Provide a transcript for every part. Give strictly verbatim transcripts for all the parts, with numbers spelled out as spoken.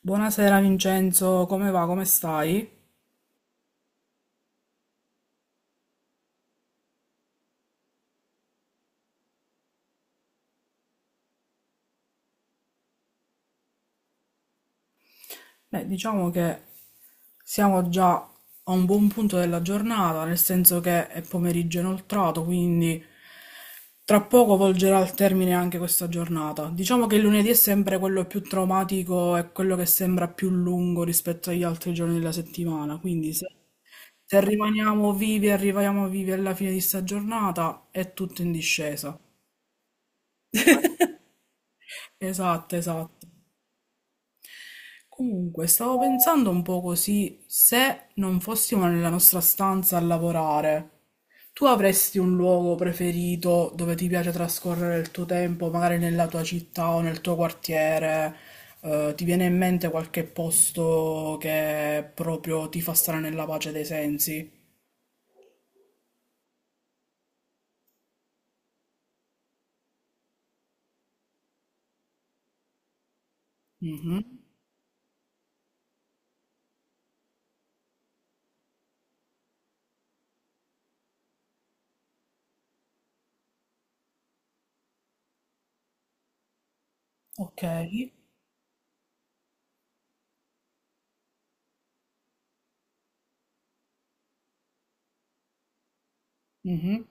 Buonasera Vincenzo, come va? Come stai? Beh, diciamo che siamo già a un buon punto della giornata, nel senso che è pomeriggio inoltrato, quindi tra poco volgerà al termine anche questa giornata. Diciamo che il lunedì è sempre quello più traumatico e quello che sembra più lungo rispetto agli altri giorni della settimana, quindi se, se rimaniamo vivi, arriviamo vivi alla fine di sta giornata, è tutto in discesa. Esatto, esatto. Comunque, stavo pensando un po' così, se non fossimo nella nostra stanza a lavorare, tu avresti un luogo preferito dove ti piace trascorrere il tuo tempo, magari nella tua città o nel tuo quartiere? Eh, ti viene in mente qualche posto che proprio ti fa stare nella pace dei sensi? Mhm. Ok. Mhm.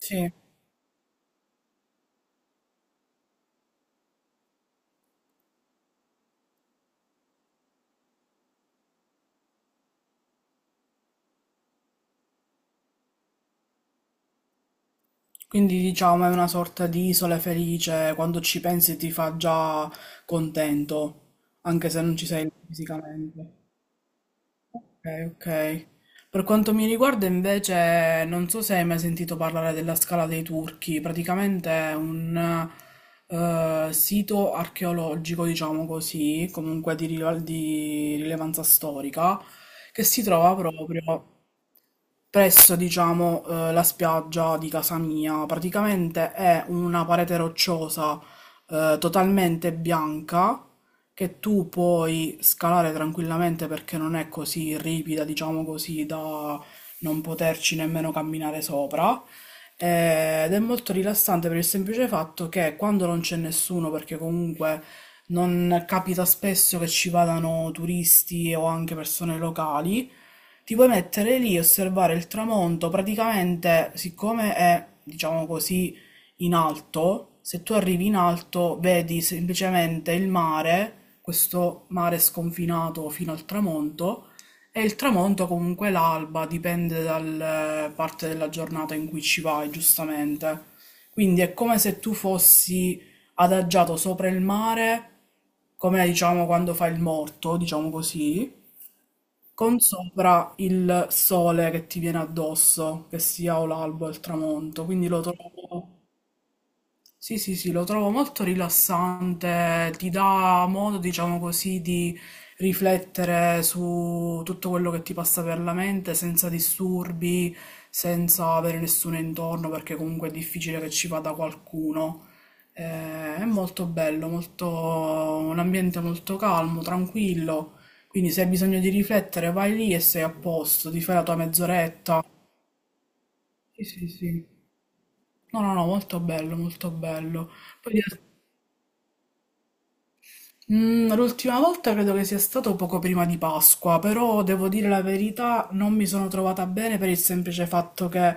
Sì. Quindi diciamo è una sorta di isola felice, quando ci pensi ti fa già contento, anche se non ci sei fisicamente. Ok, ok. Per quanto mi riguarda invece, non so se hai mai sentito parlare della Scala dei Turchi, praticamente è un eh, sito archeologico, diciamo così, comunque di rival- di rilevanza storica, che si trova proprio presso, diciamo, eh, la spiaggia di casa mia. Praticamente è una parete rocciosa, eh, totalmente bianca che tu puoi scalare tranquillamente perché non è così ripida, diciamo così, da non poterci nemmeno camminare sopra. Eh, Ed è molto rilassante per il semplice fatto che quando non c'è nessuno, perché comunque non capita spesso che ci vadano turisti o anche persone locali, ti puoi mettere lì e osservare il tramonto, praticamente siccome è, diciamo così, in alto, se tu arrivi in alto vedi semplicemente il mare, questo mare sconfinato fino al tramonto, e il tramonto comunque l'alba, dipende dalla parte della giornata in cui ci vai, giustamente. Quindi è come se tu fossi adagiato sopra il mare, come diciamo quando fai il morto, diciamo così, con sopra il sole che ti viene addosso, che sia o l'alba o il tramonto, quindi lo trovo sì, sì, sì, lo trovo molto rilassante, ti dà modo, diciamo così, di riflettere su tutto quello che ti passa per la mente senza disturbi, senza avere nessuno intorno, perché comunque è difficile che ci vada qualcuno. Eh, è molto bello, molto... un ambiente molto calmo, tranquillo, quindi se hai bisogno di riflettere vai lì e sei a posto, ti fai la tua mezz'oretta. Sì, sì, sì. No, no, no, molto bello, molto bello. Poi di- Mm, l'ultima volta credo che sia stato poco prima di Pasqua, però devo dire la verità, non mi sono trovata bene per il semplice fatto che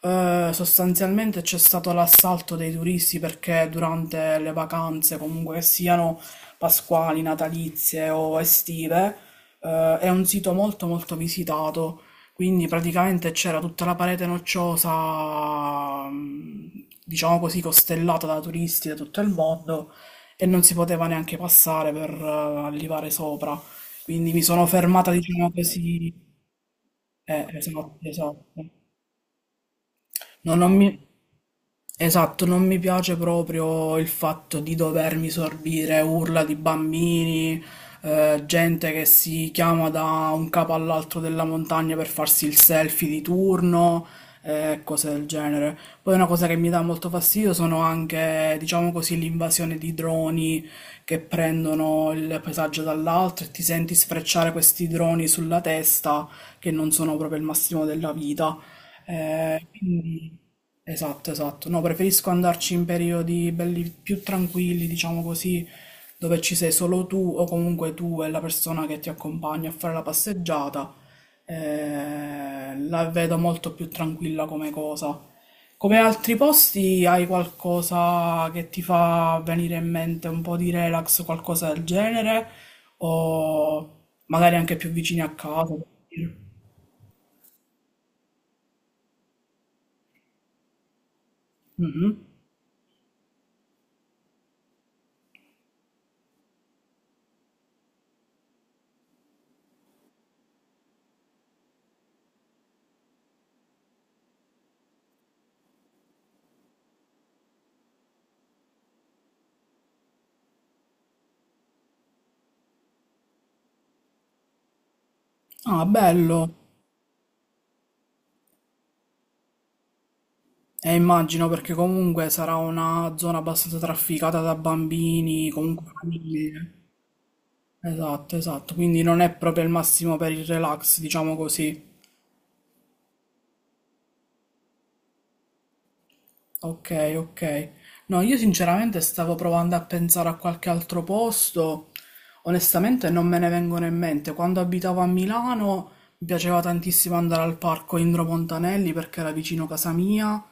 eh, sostanzialmente c'è stato l'assalto dei turisti perché durante le vacanze, comunque che siano pasquali, natalizie o estive, eh, è un sito molto molto visitato. Quindi praticamente c'era tutta la parete nocciosa, mm, diciamo così, costellata da turisti da tutto il mondo e non si poteva neanche passare per eh, arrivare sopra. Quindi mi sono fermata, diciamo così. Eh, esatto, esatto. Non, non mi... Esatto, non mi piace proprio il fatto di dovermi sorbire urla di bambini, eh, gente che si chiama da un capo all'altro della montagna per farsi il selfie di turno, eh, cose del genere. Poi una cosa che mi dà molto fastidio sono anche, diciamo così, l'invasione di droni che prendono il paesaggio dall'altro e ti senti sfrecciare questi droni sulla testa che non sono proprio il massimo della vita. Eh, quindi, esatto, esatto. No, preferisco andarci in periodi belli più tranquilli, diciamo così, dove ci sei solo tu o comunque tu e la persona che ti accompagna a fare la passeggiata. Eh, la vedo molto più tranquilla come cosa. Come altri posti, hai qualcosa che ti fa venire in mente un po' di relax, qualcosa del genere, o magari anche più vicini a casa? Per dire. Mhm. Ah, bello. Eh, immagino perché comunque sarà una zona abbastanza trafficata da bambini, comunque famiglie. Esatto, esatto, quindi non è proprio il massimo per il relax, diciamo così. Ok, ok. No, io sinceramente stavo provando a pensare a qualche altro posto. Onestamente non me ne vengono in mente. Quando abitavo a Milano mi piaceva tantissimo andare al parco Indro Montanelli perché era vicino casa mia.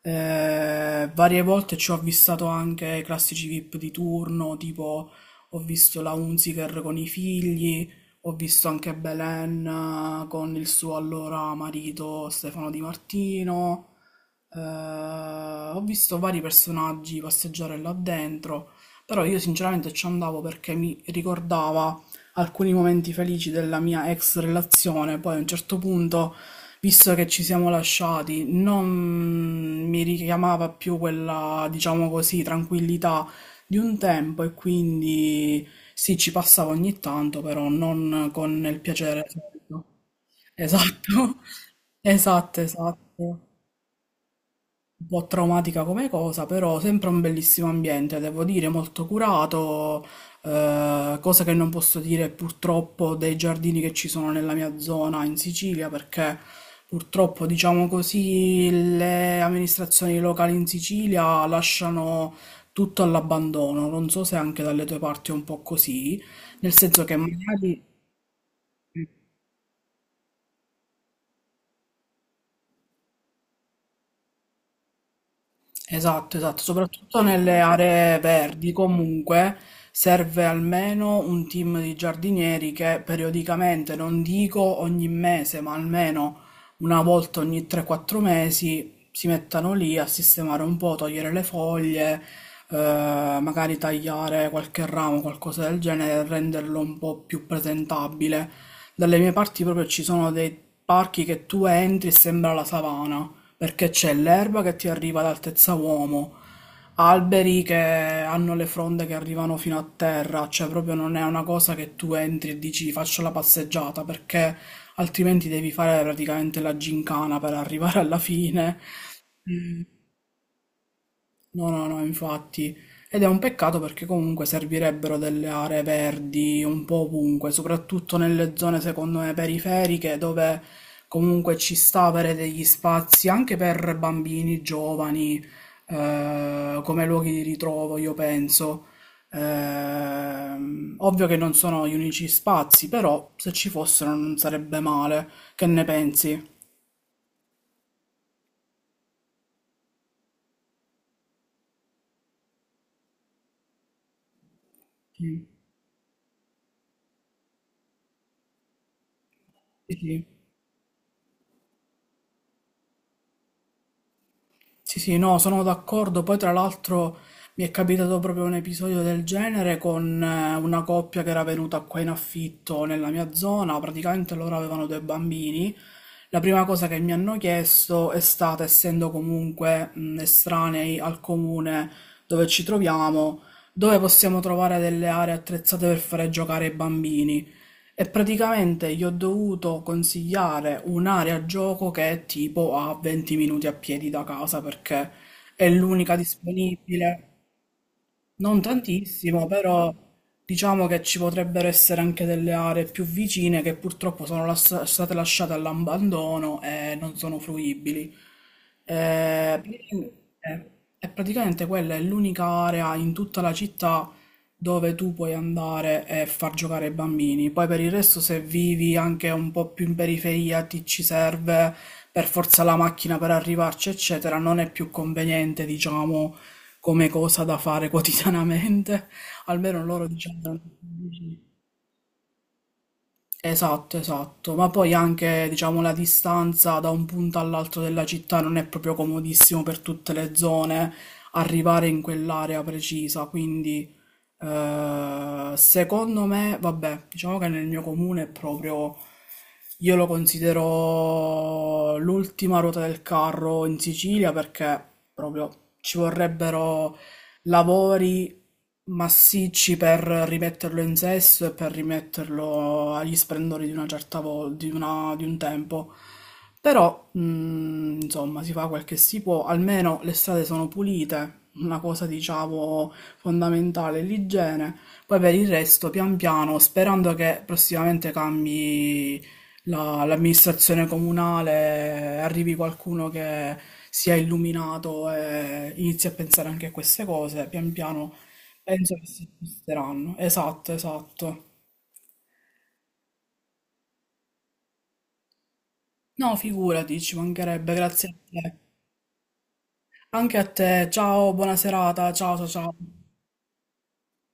Eh, varie volte ci ho avvistato anche i classici V I P di turno, tipo ho visto la Hunziker con i figli, ho visto anche Belen eh, con il suo allora marito Stefano Di Martino. Eh, Ho visto vari personaggi passeggiare là dentro, però io sinceramente ci andavo perché mi ricordava alcuni momenti felici della mia ex relazione. Poi a un certo punto, visto che ci siamo lasciati, non mi richiamava più quella, diciamo così, tranquillità di un tempo e quindi sì, ci passavo ogni tanto, però non con il piacere. solito. Esatto, esatto, esatto un po' traumatica come cosa, però sempre un bellissimo ambiente, devo dire, molto curato, eh, cosa che non posso dire purtroppo dei giardini che ci sono nella mia zona in Sicilia, perché purtroppo, diciamo così, le amministrazioni locali in Sicilia lasciano tutto all'abbandono. Non so se anche dalle tue parti è un po' così, nel senso che magari Esatto, esatto, soprattutto nelle aree verdi comunque serve almeno un team di giardinieri che periodicamente, non dico ogni mese, ma almeno una volta ogni tre quattro mesi si mettano lì a sistemare un po', togliere le foglie, eh, magari tagliare qualche ramo, qualcosa del genere, renderlo un po' più presentabile. Dalle mie parti proprio ci sono dei parchi che tu entri e sembra la savana perché c'è l'erba che ti arriva ad altezza uomo, alberi che hanno le fronde che arrivano fino a terra, cioè proprio non è una cosa che tu entri e dici faccio la passeggiata, perché altrimenti devi fare praticamente la gincana per arrivare alla fine. No, no, no, infatti. Ed è un peccato perché comunque servirebbero delle aree verdi un po' ovunque, soprattutto nelle zone, secondo me, periferiche, dove comunque ci sta avere degli spazi anche per bambini, giovani, eh, come luoghi di ritrovo, io penso. Ehm, ovvio che non sono gli unici spazi, però se ci fossero non sarebbe male. Che ne pensi? Sì, sì. Sì. Sì, sì, no, sono d'accordo. Poi, tra l'altro, mi è capitato proprio un episodio del genere con eh, una coppia che era venuta qua in affitto nella mia zona. Praticamente loro avevano due bambini. La prima cosa che mi hanno chiesto è stata, essendo comunque mh, estranei al comune dove ci troviamo, dove possiamo trovare delle aree attrezzate per fare giocare i bambini. E praticamente gli ho dovuto consigliare un'area gioco che è tipo a venti minuti a piedi da casa perché è l'unica disponibile. Non tantissimo, però diciamo che ci potrebbero essere anche delle aree più vicine che purtroppo sono las- state lasciate all'abbandono e non sono fruibili. Eh, eh, E praticamente quella è l'unica area in tutta la città dove tu puoi andare e far giocare i bambini. Poi per il resto, se vivi anche un po' più in periferia, ti ci serve per forza la macchina per arrivarci, eccetera, non è più conveniente, diciamo come cosa da fare quotidianamente, almeno loro diciamo. Esatto, esatto, ma poi anche diciamo la distanza da un punto all'altro della città non è proprio comodissimo per tutte le zone arrivare in quell'area precisa, quindi eh, secondo me, vabbè, diciamo che nel mio comune è proprio, io lo considero l'ultima ruota del carro in Sicilia perché proprio ci vorrebbero lavori massicci per rimetterlo in sesto e per rimetterlo agli splendori di una certa volta, di una- di un tempo. Però, mh, insomma, si fa quel che si può, almeno le strade sono pulite, una cosa, diciamo, fondamentale è l'igiene. Poi per il resto, pian piano, sperando che prossimamente cambi la- l'amministrazione comunale, arrivi qualcuno che sia illuminato e inizi a pensare anche a queste cose, pian piano. Penso che si sposteranno. Esatto, esatto. No, figurati, ci mancherebbe, grazie a te. Anche a te. Ciao, buona serata. Ciao, ciao, ciao.